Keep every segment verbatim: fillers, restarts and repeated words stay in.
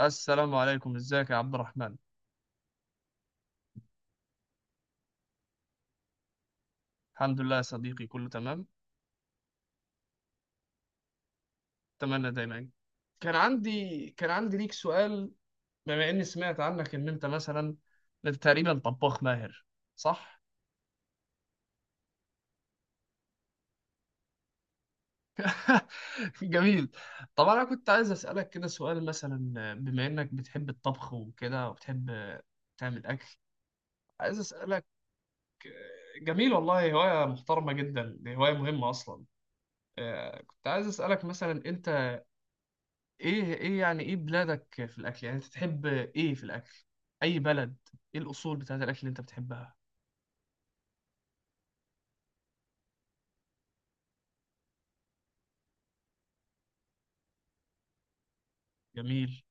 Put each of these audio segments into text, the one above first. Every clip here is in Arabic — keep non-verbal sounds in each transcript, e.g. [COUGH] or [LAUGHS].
السلام عليكم، ازيك يا عبد الرحمن. الحمد لله يا صديقي، كله تمام. اتمنى دايما. كان عندي كان عندي ليك سؤال. بما اني سمعت عنك ان انت مثلا تقريبا طباخ ماهر، صح؟ [LAUGHS] جميل. طبعا انا كنت عايز اسالك كده سؤال، مثلا بما انك بتحب الطبخ وكده وبتحب تعمل اكل، عايز اسالك. جميل، والله هوايه محترمه جدا، دي هوايه مهمه اصلا. آه، كنت عايز اسالك مثلا انت ايه ايه يعني ايه بلادك في الاكل؟ يعني انت تحب ايه في الاكل؟ اي بلد؟ ايه الاصول بتاعت الاكل اللي انت بتحبها؟ جميل.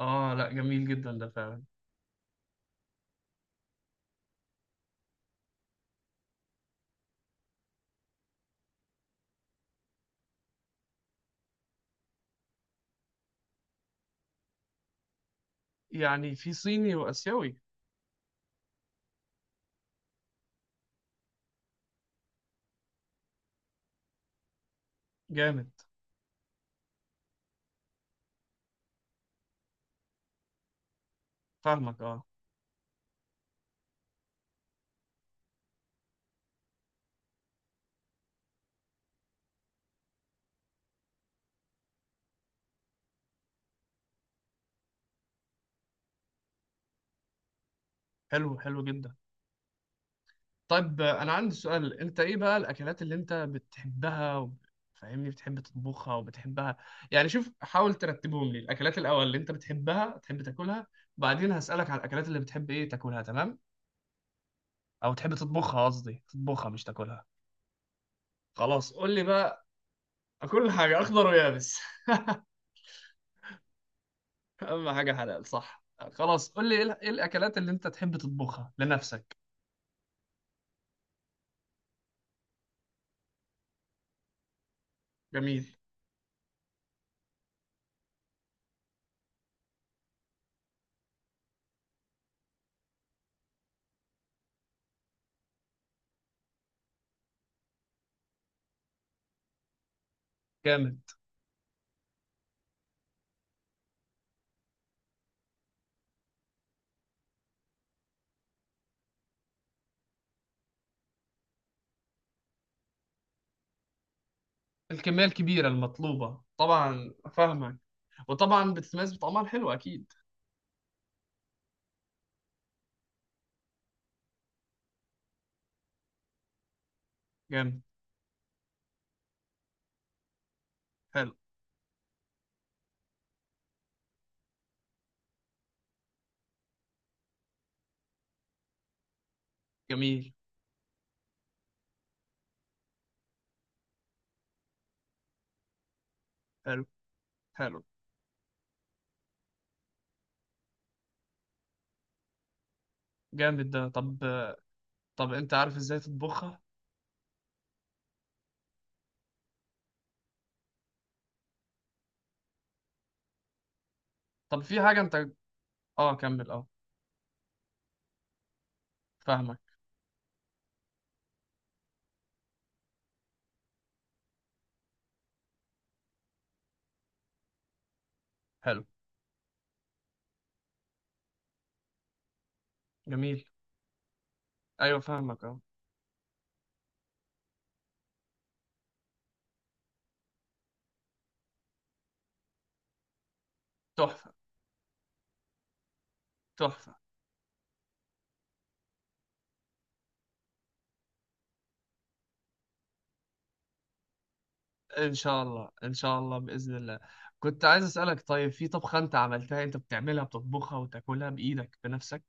اه لا، جميل جدا ده فعلا. يعني في صيني واسيوي. جامد. فاهمك، اه. حلو، حلو جدا. طيب آه، انا عندي سؤال، انت ايه بقى الاكلات اللي انت بتحبها وب- فاهمني بتحب تطبخها وبتحبها؟ يعني شوف، حاول ترتبهم لي الاكلات الاول اللي انت بتحبها تحب تاكلها، بعدين هسألك على الاكلات اللي بتحب ايه تاكلها، تمام؟ او تحب تطبخها، قصدي تطبخها مش تاكلها. خلاص قول لي بقى. كل حاجة أخضر ويابس. [LAUGHS] أهم حاجة حلال، صح. خلاص قول لي إيه ال- إيه الأكلات اللي أنت تحب تطبخها لنفسك؟ جميل. جامد. الكمية الكبيرة المطلوبة طبعا، فاهمك. وطبعا بتتميز بطعمها الحلو أكيد. جامد. حلو. جميل. حلو. حلو. جامد ده. طب، طب أنت عارف إزاي تطبخها؟ طب في حاجة أنت. آه كمل، آه. فاهمك. حلو. جميل. أيوه فاهمك، آه. تحفة، تحفة. ان شاء الله، ان شاء الله، باذن الله. كنت عايز اسالك، طيب في طبخه انت عملتها، انت بتعملها بتطبخها وتاكلها بايدك بنفسك؟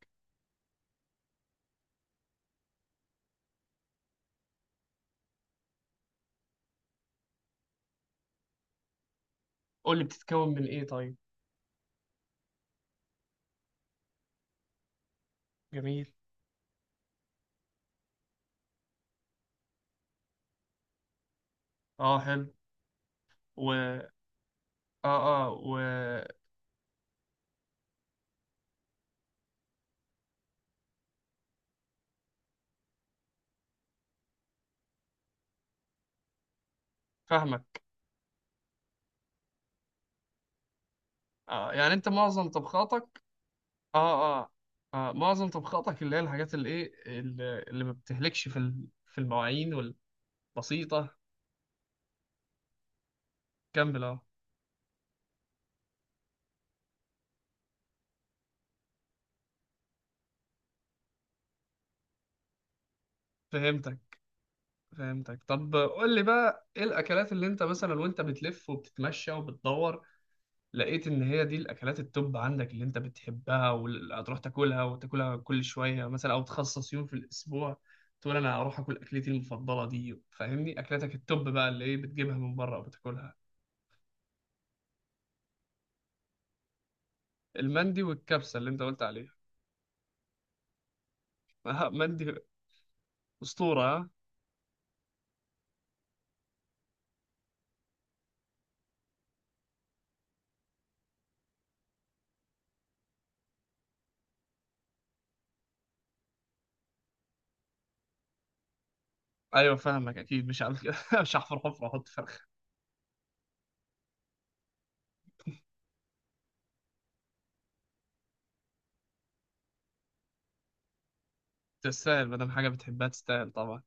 قول لي بتتكون من ايه طيب؟ جميل. اه حلو. و اه. اه. وفاهمك. آه يعني انت معظم طبخاتك. اه، اه. آه معظم طبخاتك اللي هي الحاجات اللي ايه، اللي, اللي ما بتهلكش في ال- في المواعين والبسيطه. كمل، اه. فهمتك، فهمتك. طب قول لي بقى، ايه الاكلات اللي انت مثلا وانت بتلف وبتتمشى وبتدور، لقيت ان هي دي الاكلات التوب عندك، اللي انت بتحبها وهتروح تاكلها وتاكلها كل شويه مثلا، او تخصص يوم في الاسبوع تقول انا هروح اكل اكلتي المفضله دي. فاهمني؟ اكلتك التوب بقى اللي ايه بتجيبها من بره وبتاكلها. المندي والكبسه اللي انت قلت عليها. آه، مندي. اسطوره، آه؟ ايوه فاهمك، اكيد مش هعمل كده. [LAUGHS] مش هحفر حفره احط فرخ. تستاهل، ما دام حاجه بتحبها تستاهل طبعا.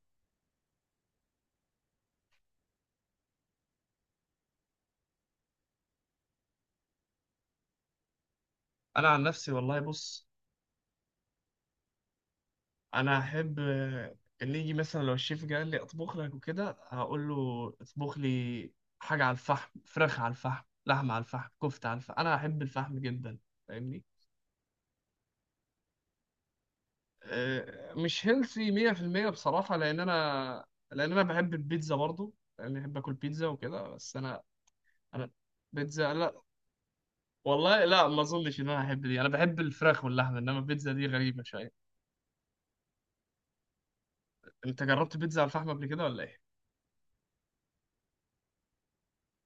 انا عن نفسي والله بص، انا احب آه، اللي يجي مثلا، لو الشيف جه قال لي اطبخ لك وكده هقول له اطبخ لي حاجه على الفحم، فراخ على الفحم، لحمه على الفحم، كفته على الفحم. انا احب الفحم جدا، فاهمني. آه، مش هيلثي مية في المية بصراحه، لان انا، لان انا بحب البيتزا برضو، لان بحب اكل بيتزا وكده. بس انا انا بيتزا لا. والله لا، ما اظنش ان انا احب دي، انا بحب الفراخ واللحمه، انما البيتزا دي غريبه شويه. انت جربت بيتزا على الفحم قبل كده ولا ايه؟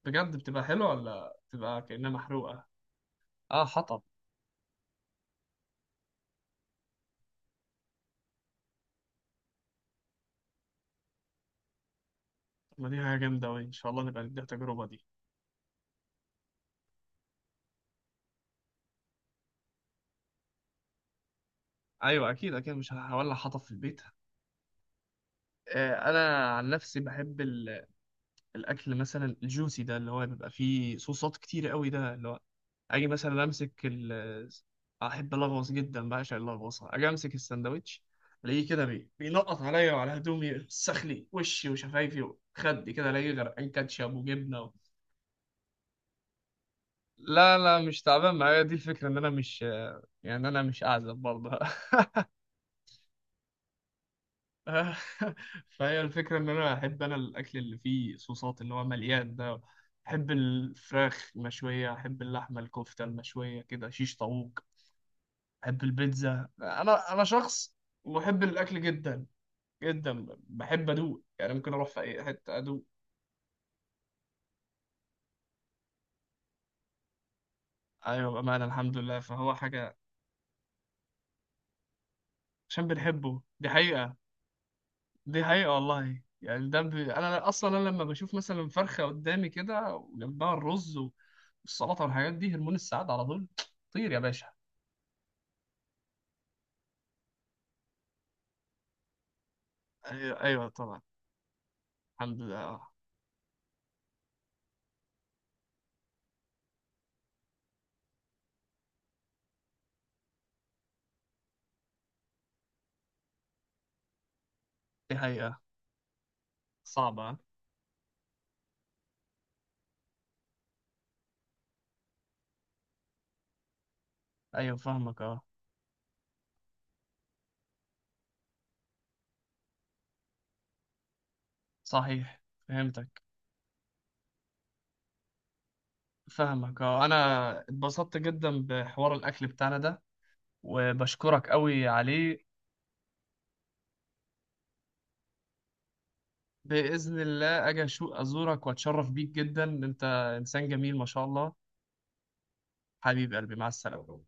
بجد؟ بتبقى حلوه ولا بتبقى كانها محروقه؟ اه، حطب. ما دي حاجة جامدة أوي، إن شاء الله نبقى نديها تجربة دي. ايوه اكيد، اكيد مش هولع حطب في البيت. آه، انا عن نفسي بحب ال- الاكل مثلا الجوسي، ده اللي هو بيبقى فيه صوصات كتير قوي، ده اللي هو اجي مثلا امسك ال احب الغوص جدا، بعشق اللغوصه. اجي امسك الساندوتش الاقيه كده بي... بينقط عليا وعلى هدومي، يوسخ لي وشي وشفايفي وخدي كده، الاقيه غرقان كاتشب وجبنه و... لا لا، مش تعبان معايا دي، الفكره ان انا مش، يعني انا مش اعزب برضه. [LAUGHS] آه، [LAUGHS] فهي الفكرة إن أنا أحب، أنا الأكل اللي فيه صوصات اللي هو مليان ده. أحب الفراخ المشوية، أحب اللحمة، الكفتة المشوية كده، شيش طاووق، أحب البيتزا. أنا أنا شخص محب الأكل جدا، جدا بحب أدوق، يعني ممكن أروح في أي حتة أدوق. أيوة بأمانة، الحمد لله، فهو حاجة عشان بنحبه، دي حقيقة. دي حقيقة والله، يعني ده ب... أنا أصلا أنا لما بشوف مثلا فرخة قدامي كده وجنبها الرز والسلطة والحاجات دي، هرمون السعادة على طول. طير يا باشا. أيوة, أيوة طبعا. الحمد لله، أه. دي حقيقة. صعبة، أه. أيوة فاهمك، أه. صحيح. فهمتك. فاهمك، أه. أنا اتبسطت جدا بحوار الأكل بتاعنا ده وبشكرك أوي عليه. بإذن الله أجي أشو- أزورك وأتشرف بيك جدا، أنت إنسان جميل ما شاء الله. حبيب قلبي، مع السلامة.